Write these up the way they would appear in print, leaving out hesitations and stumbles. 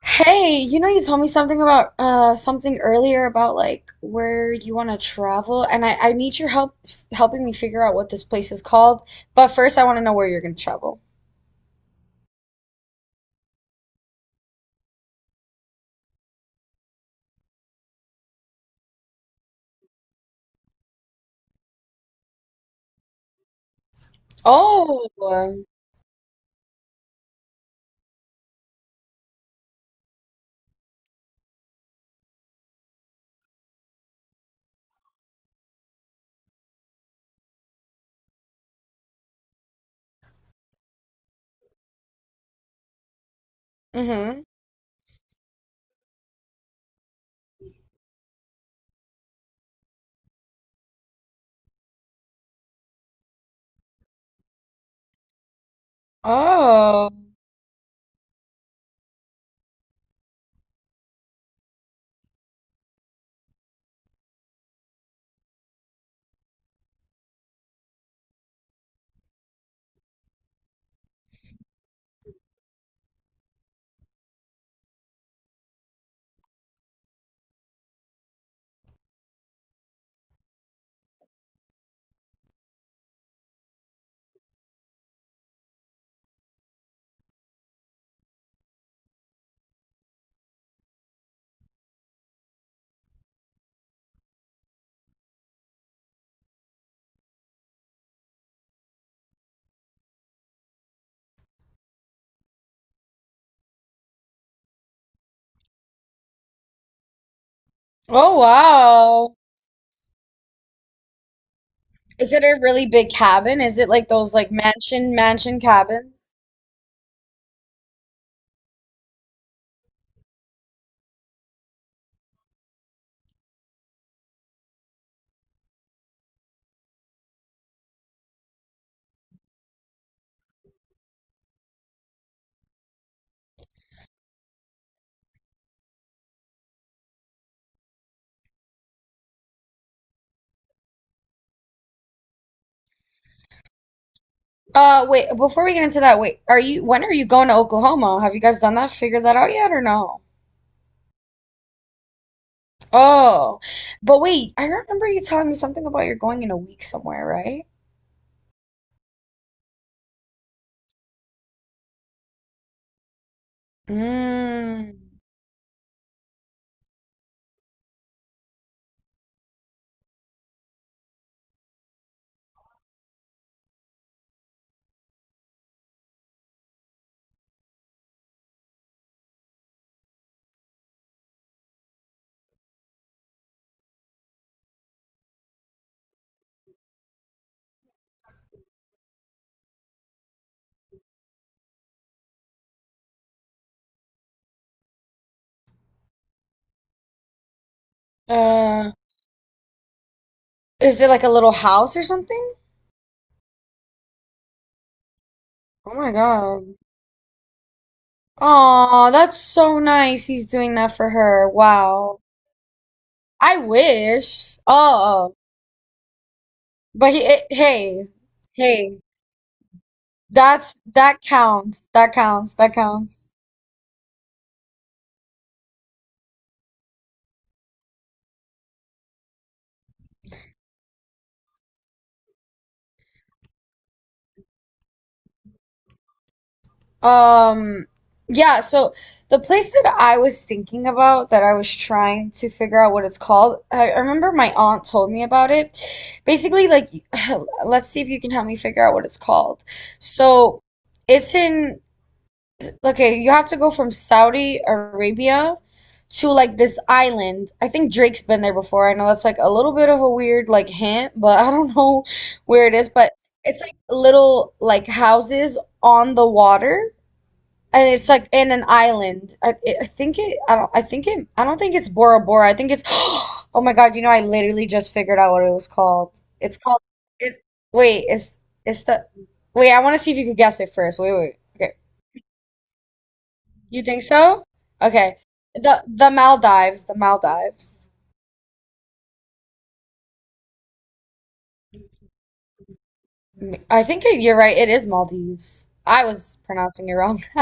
Hey, you told me something about something earlier about like where you want to travel, and I need your help f helping me figure out what this place is called. But first, I want to know where you're going to travel. Oh. Mm-hmm. Oh. Oh, wow. Is it a really big cabin? Is it like those like mansion cabins? Wait, before we get into that, wait, are you when are you going to Oklahoma? Have you guys done that? Figured that out yet or no? Oh, but wait, I remember you telling me something about you're going in a week somewhere, right? Mm. Uh, is it like a little house or something? Oh my God. Oh, that's so nice. He's doing that for her. Wow. I wish. Oh, but hey, hey, that counts. That counts. That counts. Um, yeah, so the place that I was thinking about that I was trying to figure out what it's called, I remember my aunt told me about it. Basically, like, let's see if you can help me figure out what it's called. So it's in, okay, you have to go from Saudi Arabia to like this island. I think Drake's been there before. I know that's like a little bit of a weird like hint, but I don't know where it is, but it's like little like houses on the water and it's like in an island. I think it. I don't. I think it. I don't think it's Bora Bora. I think it's. Oh my God! I literally just figured out what it was called. It's called. It. Wait. It's. It's the. Wait. I want to see if you could guess it first. Wait. Wait. Okay. You think so? Okay. The Maldives. The Maldives. I think it, you're right. It is Maldives. I was pronouncing it wrong.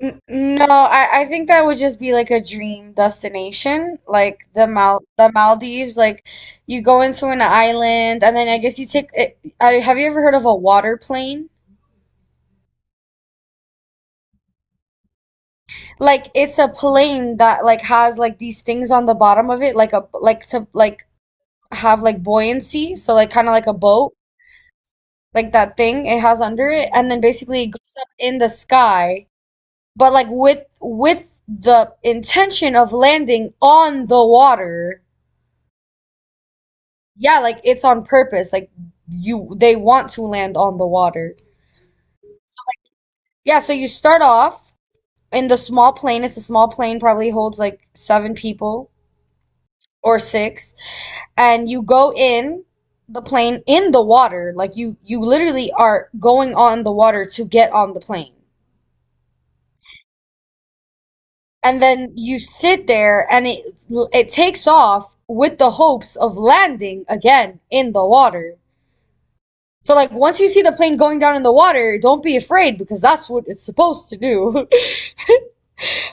No, I think that would just be like a dream destination, like the Maldives. Like you go into an island, and then I guess you take it. Have you ever heard of a water plane? Like it's a plane that like has like these things on the bottom of it, like a like to like have like buoyancy, so like kind of like a boat, like that thing it has under it, and then basically it goes up in the sky, but like with the intention of landing on the water. Yeah, like it's on purpose. Like you they want to land on the water. Yeah, so you start off in the small plane. It's a small plane, probably holds like seven people or six, and you go in the plane in the water. Like you literally are going on the water to get on the plane. And then you sit there and it takes off with the hopes of landing again in the water. So like once you see the plane going down in the water, don't be afraid because that's what it's supposed to do.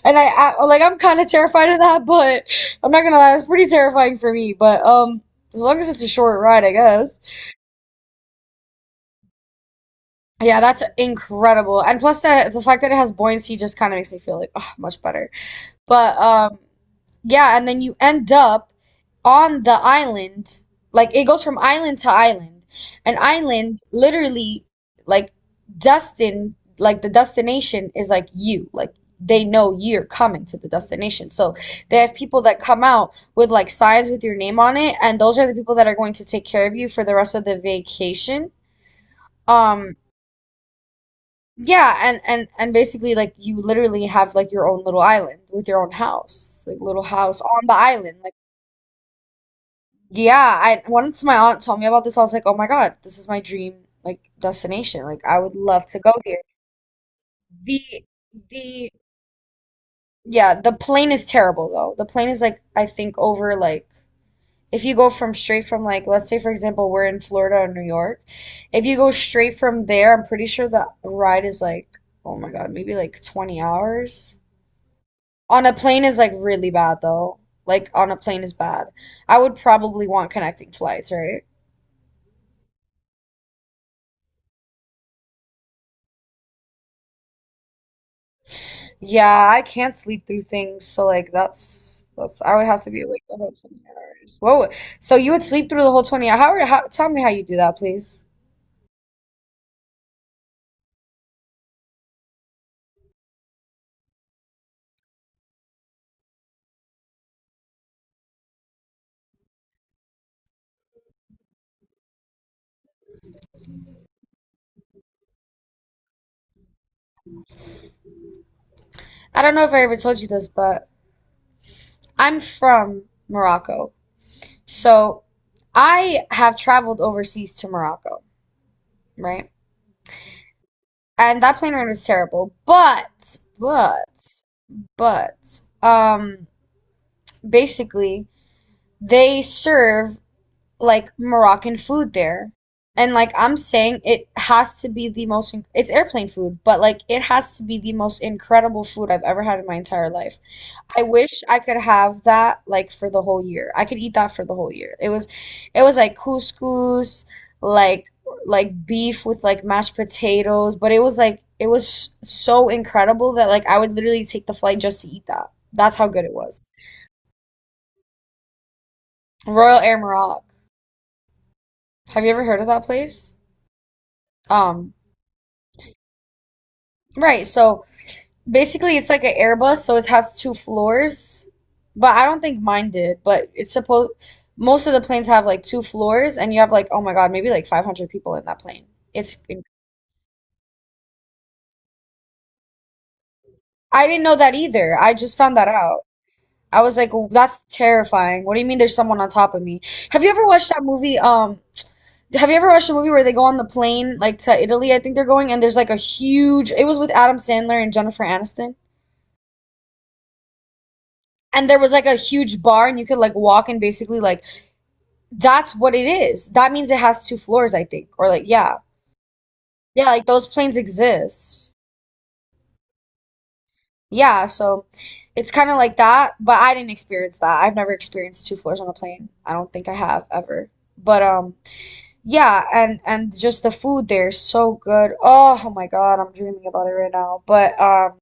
And I like I'm kind of terrified of that, but I'm not gonna lie, it's pretty terrifying for me. But as long as it's a short ride, I guess. Yeah, that's incredible. And plus that the fact that it has buoyancy just kind of makes me feel like ugh, much better. But yeah, and then you end up on the island. Like it goes from island to island. An island literally like destined like the destination is like you. Like they know you're coming to the destination. So they have people that come out with like signs with your name on it, and those are the people that are going to take care of you for the rest of the vacation. Um yeah, and basically like you literally have like your own little island with your own house, like little house on the island. Like yeah, I once my aunt told me about this, I was like, "Oh my God, this is my dream like destination. Like I would love to go here." The the yeah, the plane is terrible though. The plane is like I think over like if you go from straight from like let's say for example we're in Florida or New York, if you go straight from there, I'm pretty sure the ride is like oh my God, maybe like 20 hours. On a plane is like really bad though. Like on a plane is bad. I would probably want connecting flights, right? Yeah, I can't sleep through things, so like that's I would have to be awake the whole 20 hours. Whoa. So you would sleep through the whole 20 hours. How tell me how you do that, please. I don't know if I ever told you this, but I'm from Morocco. So I have traveled overseas to Morocco, right? And that plane ride was terrible. But basically they serve like Moroccan food there. And like I'm saying, it has to be it's airplane food, but like it has to be the most incredible food I've ever had in my entire life. I wish I could have that like for the whole year. I could eat that for the whole year. It was like couscous, like beef with like mashed potatoes, but it was like it was so incredible that like I would literally take the flight just to eat that. That's how good it was. Royal Air Morocco. Have you ever heard of that place? Um, right, so basically it's like an Airbus, so it has two floors, but I don't think mine did, but it's supposed most of the planes have like two floors and you have like oh my God, maybe like 500 people in that plane. It's I didn't know that either. I just found that out. I was like, "Oh, that's terrifying. What do you mean there's someone on top of me?" Have you ever watched that movie? Have you ever watched a movie where they go on the plane like to Italy, I think they're going, and there's like a huge, it was with Adam Sandler and Jennifer Aniston. And there was like a huge bar and you could like walk and basically like that's what it is that means it has two floors I think or like yeah. Yeah, like those planes exist. Yeah, so it's kind of like that, but I didn't experience that. I've never experienced two floors on a plane, I don't think I have ever, but yeah, and just the food there is so good. Oh my God, I'm dreaming about it right now, but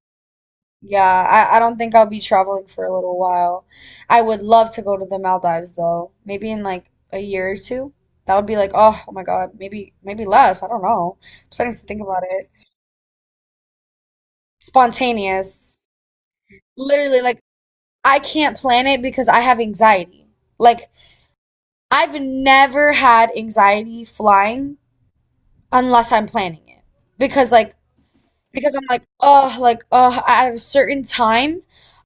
yeah, I don't think I'll be traveling for a little while. I would love to go to the Maldives though. Maybe in like a year or two. That would be like, oh my God, maybe less. I don't know. I'm starting to think about it. Spontaneous. Literally, like I can't plan it because I have anxiety. Like I've never had anxiety flying unless I'm planning it. Because like because I'm like, oh, at a certain time,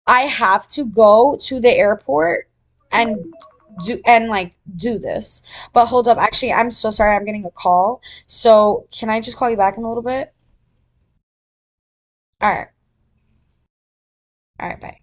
I have to go to the airport and do and like do this. But hold up, actually, I'm so sorry. I'm getting a call. So can I just call you back in a little bit? All right, all right, bye.